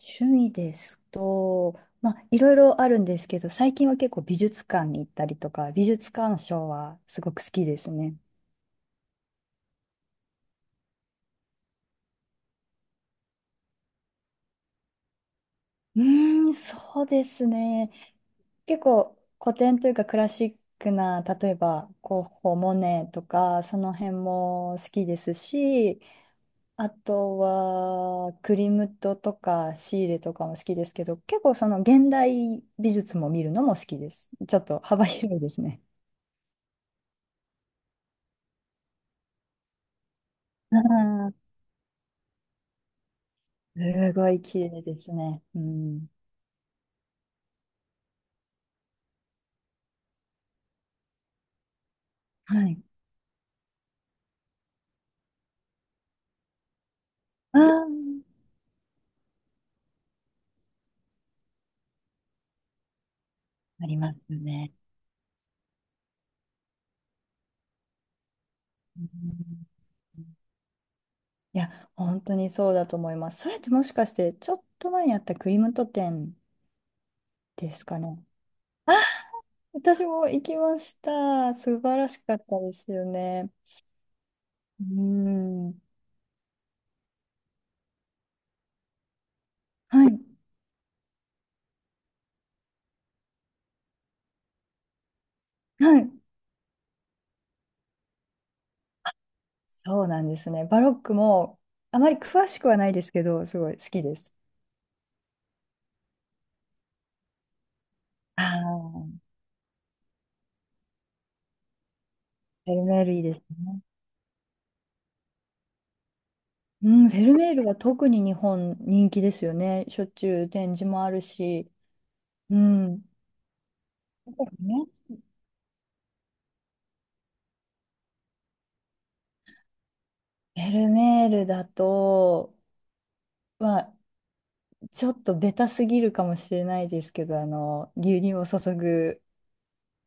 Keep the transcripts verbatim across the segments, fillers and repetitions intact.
趣味ですと、まあ、いろいろあるんですけど、最近は結構美術館に行ったりとか、美術鑑賞はすごく好きですね。うーん、そうですね。結構古典というかクラシックな、例えばゴッホ、モネとか、その辺も好きですし、あとはクリムトとかシーレとかも好きですけど、結構その現代美術も見るのも好きです。ちょっと幅広いですね。すごい綺麗ですね。うん。はい。ああ、ありますよね。うん。いや、本当にそうだと思います。それってもしかして、ちょっと前にあったクリムト店ですかね。私も行きました。素晴らしかったですよね。うん。はい。はい。そうなんですね。バロックも、あまり詳しくはないですけど、すごい好きです。ああ、フェルメールいいですね。うん、フェルメールは特に日本人気ですよね。しょっちゅう展示もあるし。うん。だからね、フェルメールだと、まあ、ちょっとベタすぎるかもしれないですけど、あの、牛乳を注ぐ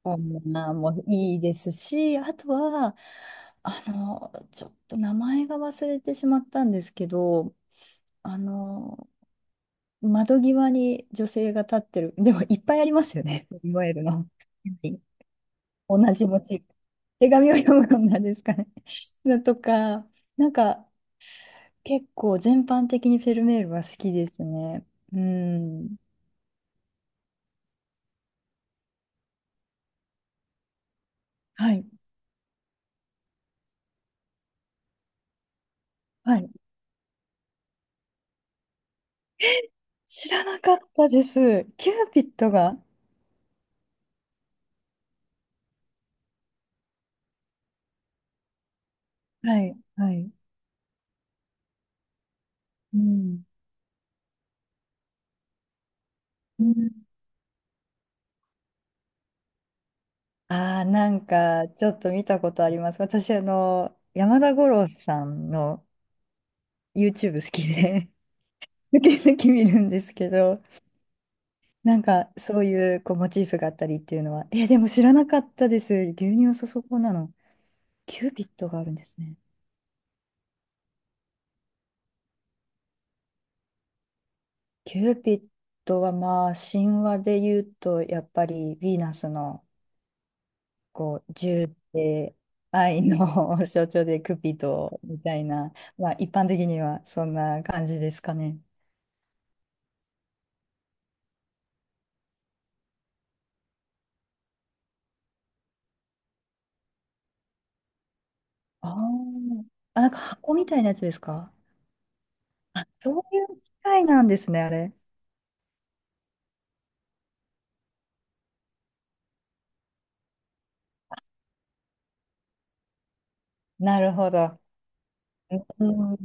女もいいですし、あとは、あの、ちょっと名前が忘れてしまったんですけど、あの、窓際に女性が立ってる、でもいっぱいありますよね、フェルメールの。同じモチーフ。手紙を読む女ですかね。のとか、なんか結構全般的にフェルメールは好きですね。うん。はい、はい、知らなかったです。キューピッドが。はい、はい。うん、うん、ああー、なんかちょっと見たことあります。私、あの、山田五郎さんの ユーチューブ 好きで、抜き抜き見るんですけど、なんかそういうこうモチーフがあったりっていうのは、え、でも知らなかったです。牛乳そそこなの。キューピッドがあるんですね。キューピッドはまあ神話で言うと、やっぱりヴィーナスのこう銃で愛の 象徴でクピドみたいな、まあ一般的にはそんな感じですかね。ああ、あ、なんか箱みたいなやつですか。そういう機械なんですね、あれ。なるほど。うん。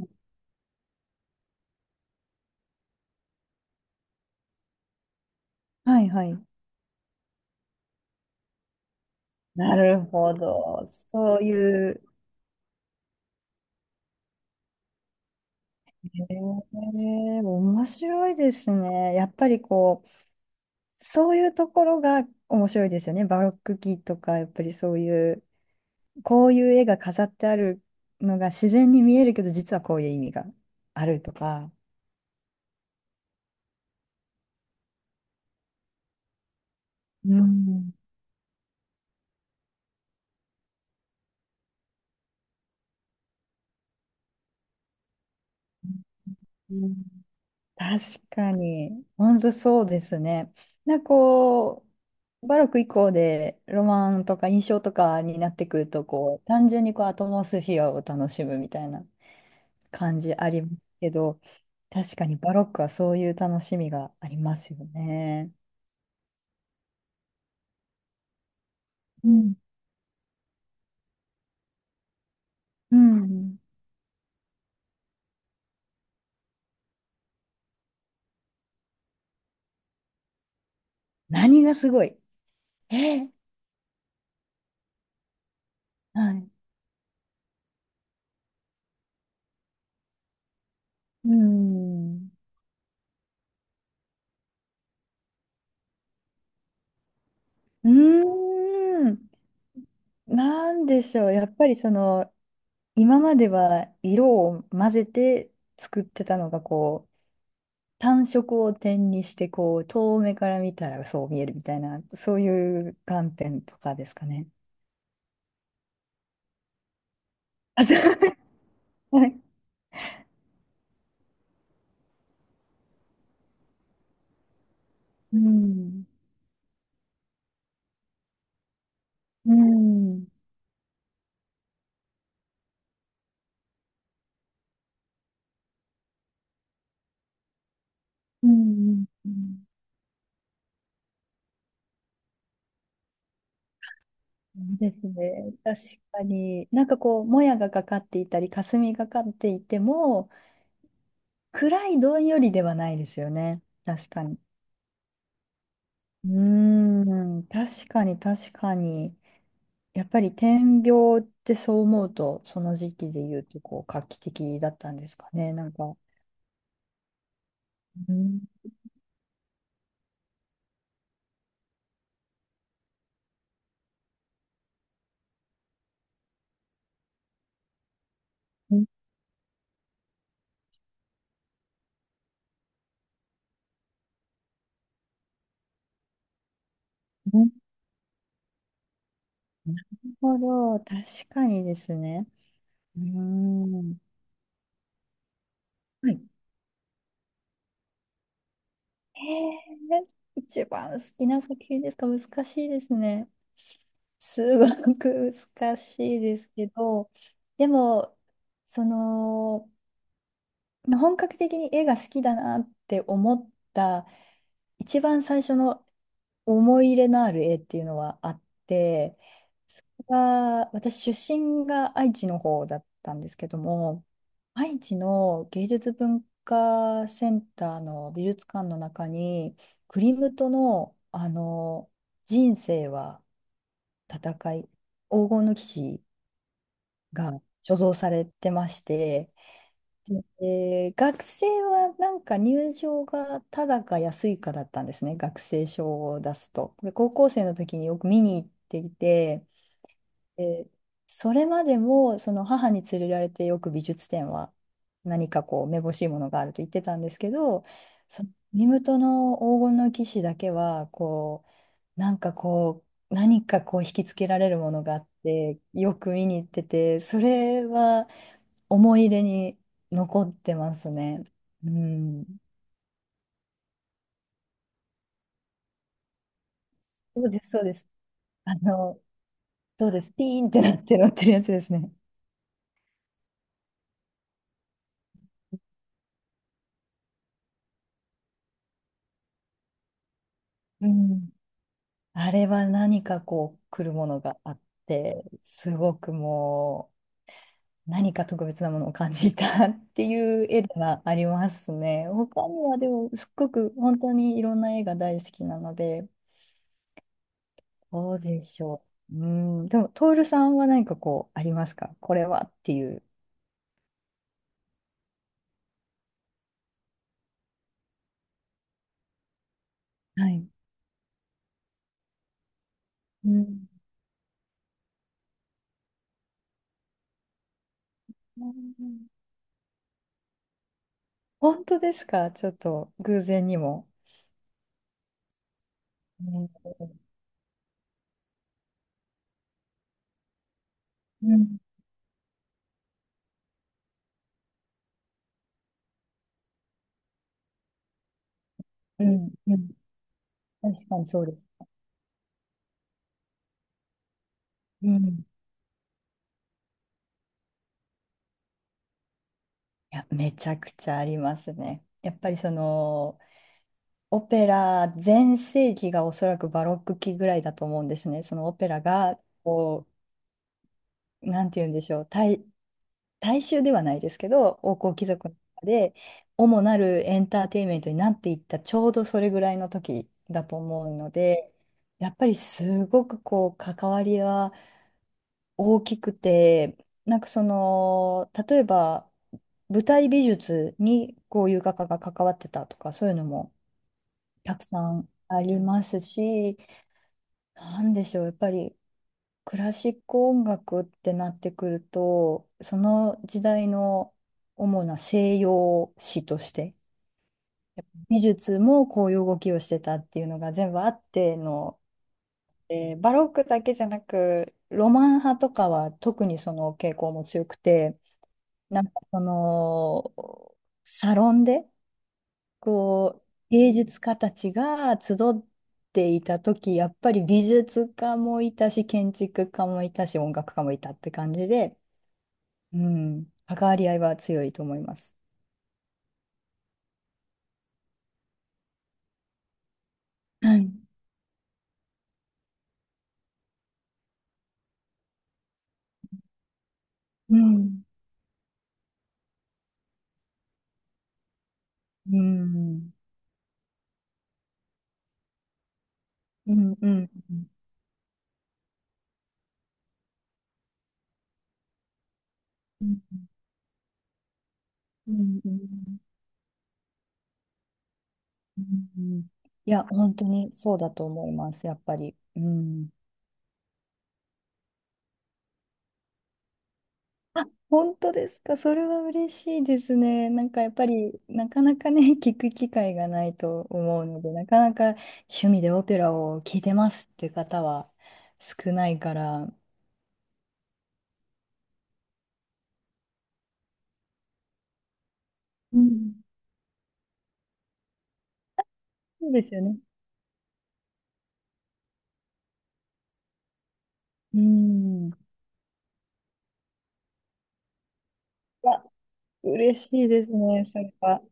はいはい。なるほど。そういう、へえ、面白いですね。やっぱりこう、そういうところが面白いですよね。バロック期とか、やっぱりそういう、こういう絵が飾ってあるのが自然に見えるけど、実はこういう意味があるとか。うん。確かに、本当そうですね。なんかこう、バロック以降でロマンとか印象とかになってくると、こう、単純にこうアトモスフィアを楽しむみたいな感じありますけど、確かにバロックはそういう楽しみがありますよね。うん。うん。何がすごい、え、はい。うん。うーん。なんでしょう。やっぱりその、今までは色を混ぜて作ってたのがこう単色を点にしてこう遠目から見たらそう見えるみたいなそういう観点とかですかね。あ、そう。はい。うん。うん。うん。うん、そうですね。確かに。なんかこう、もやがかかっていたり、霞がかっていても、暗いどんよりではないですよね。確かに。うーん。確かに、確かに。やっぱり点描ってそう思うと、その時期で言うとこう画期的だったんですかね。なんか、うん、うん、うん、なるほど、確かにですね。うーん。はい。えー、一番好きな作品ですか、難しいですね。すごく難しいですけど、でも、その、本格的に絵が好きだなって思った一番最初の思い入れのある絵っていうのはあって、それが私出身が愛知の方だったんですけども、愛知の芸術文化センターの美術館の中に、クリムトの、あの人生は戦い、黄金の騎士が所蔵されてまして、えー学生はなんか入場がただか安いかだったんですね、学生証を出すと。で、高校生の時によく見に行っていて、え、それまでもその母に連れられてよく美術展は何かこうめぼしいものがあると言ってたんですけど、そのミムトの黄金の騎士だけはこうなんかこう何かこう引きつけられるものがあってよく見に行ってて、それは思い入れに残ってますね。うん、そうですそうです。あのそうです、ピーンってなって乗ってるやつですね。うん、あれは何かこう来るものがあってすごくもう何か特別なものを感じた っていう絵ではありますね。他にはでもすっごく本当にいろんな絵が大好きなのでどうでしょう。うん、でもトールさんは何かこうありますか、これはっていう。はい。うん、うん、本当ですか。ちょっと偶然にも。ね、うん、うん、うん、確かにそうです。うん、いや、めちゃくちゃありますね。やっぱりそのオペラ全盛期がおそらくバロック期ぐらいだと思うんですね。そのオペラがこう、なんて言うんでしょう、大、大衆ではないですけど、王侯貴族の中で主なるエンターテインメントになっていったちょうどそれぐらいの時だと思うので、やっぱりすごくこう関わりは大きくて、なんかその、例えば舞台美術にこういう画家が関わってたとか、そういうのもたくさんありますし、なんでしょう、やっぱりクラシック音楽ってなってくると、その時代の主な西洋史として、美術もこういう動きをしてたっていうのが全部あっての、えーバロックだけじゃなく、ロマン派とかは特にその傾向も強くて、なんかその、サロンで、こう、芸術家たちが集っていた時、やっぱり美術家もいたし、建築家もいたし、音楽家もいたって感じで、うん、関わり合いは強いと思います。はい。うん。うん。うん。うん。うん。うん。うん。うん、いや、本当にそうだと思います、やっぱり。うん。あ、本当ですか。それは嬉しいですね。なんかやっぱり、なかなかね、聞く機会がないと思うので、なかなか趣味でオペラを聴いてますっていう方は少ないから、うん、そうですよね。うん。あ、嬉しいですね、それは。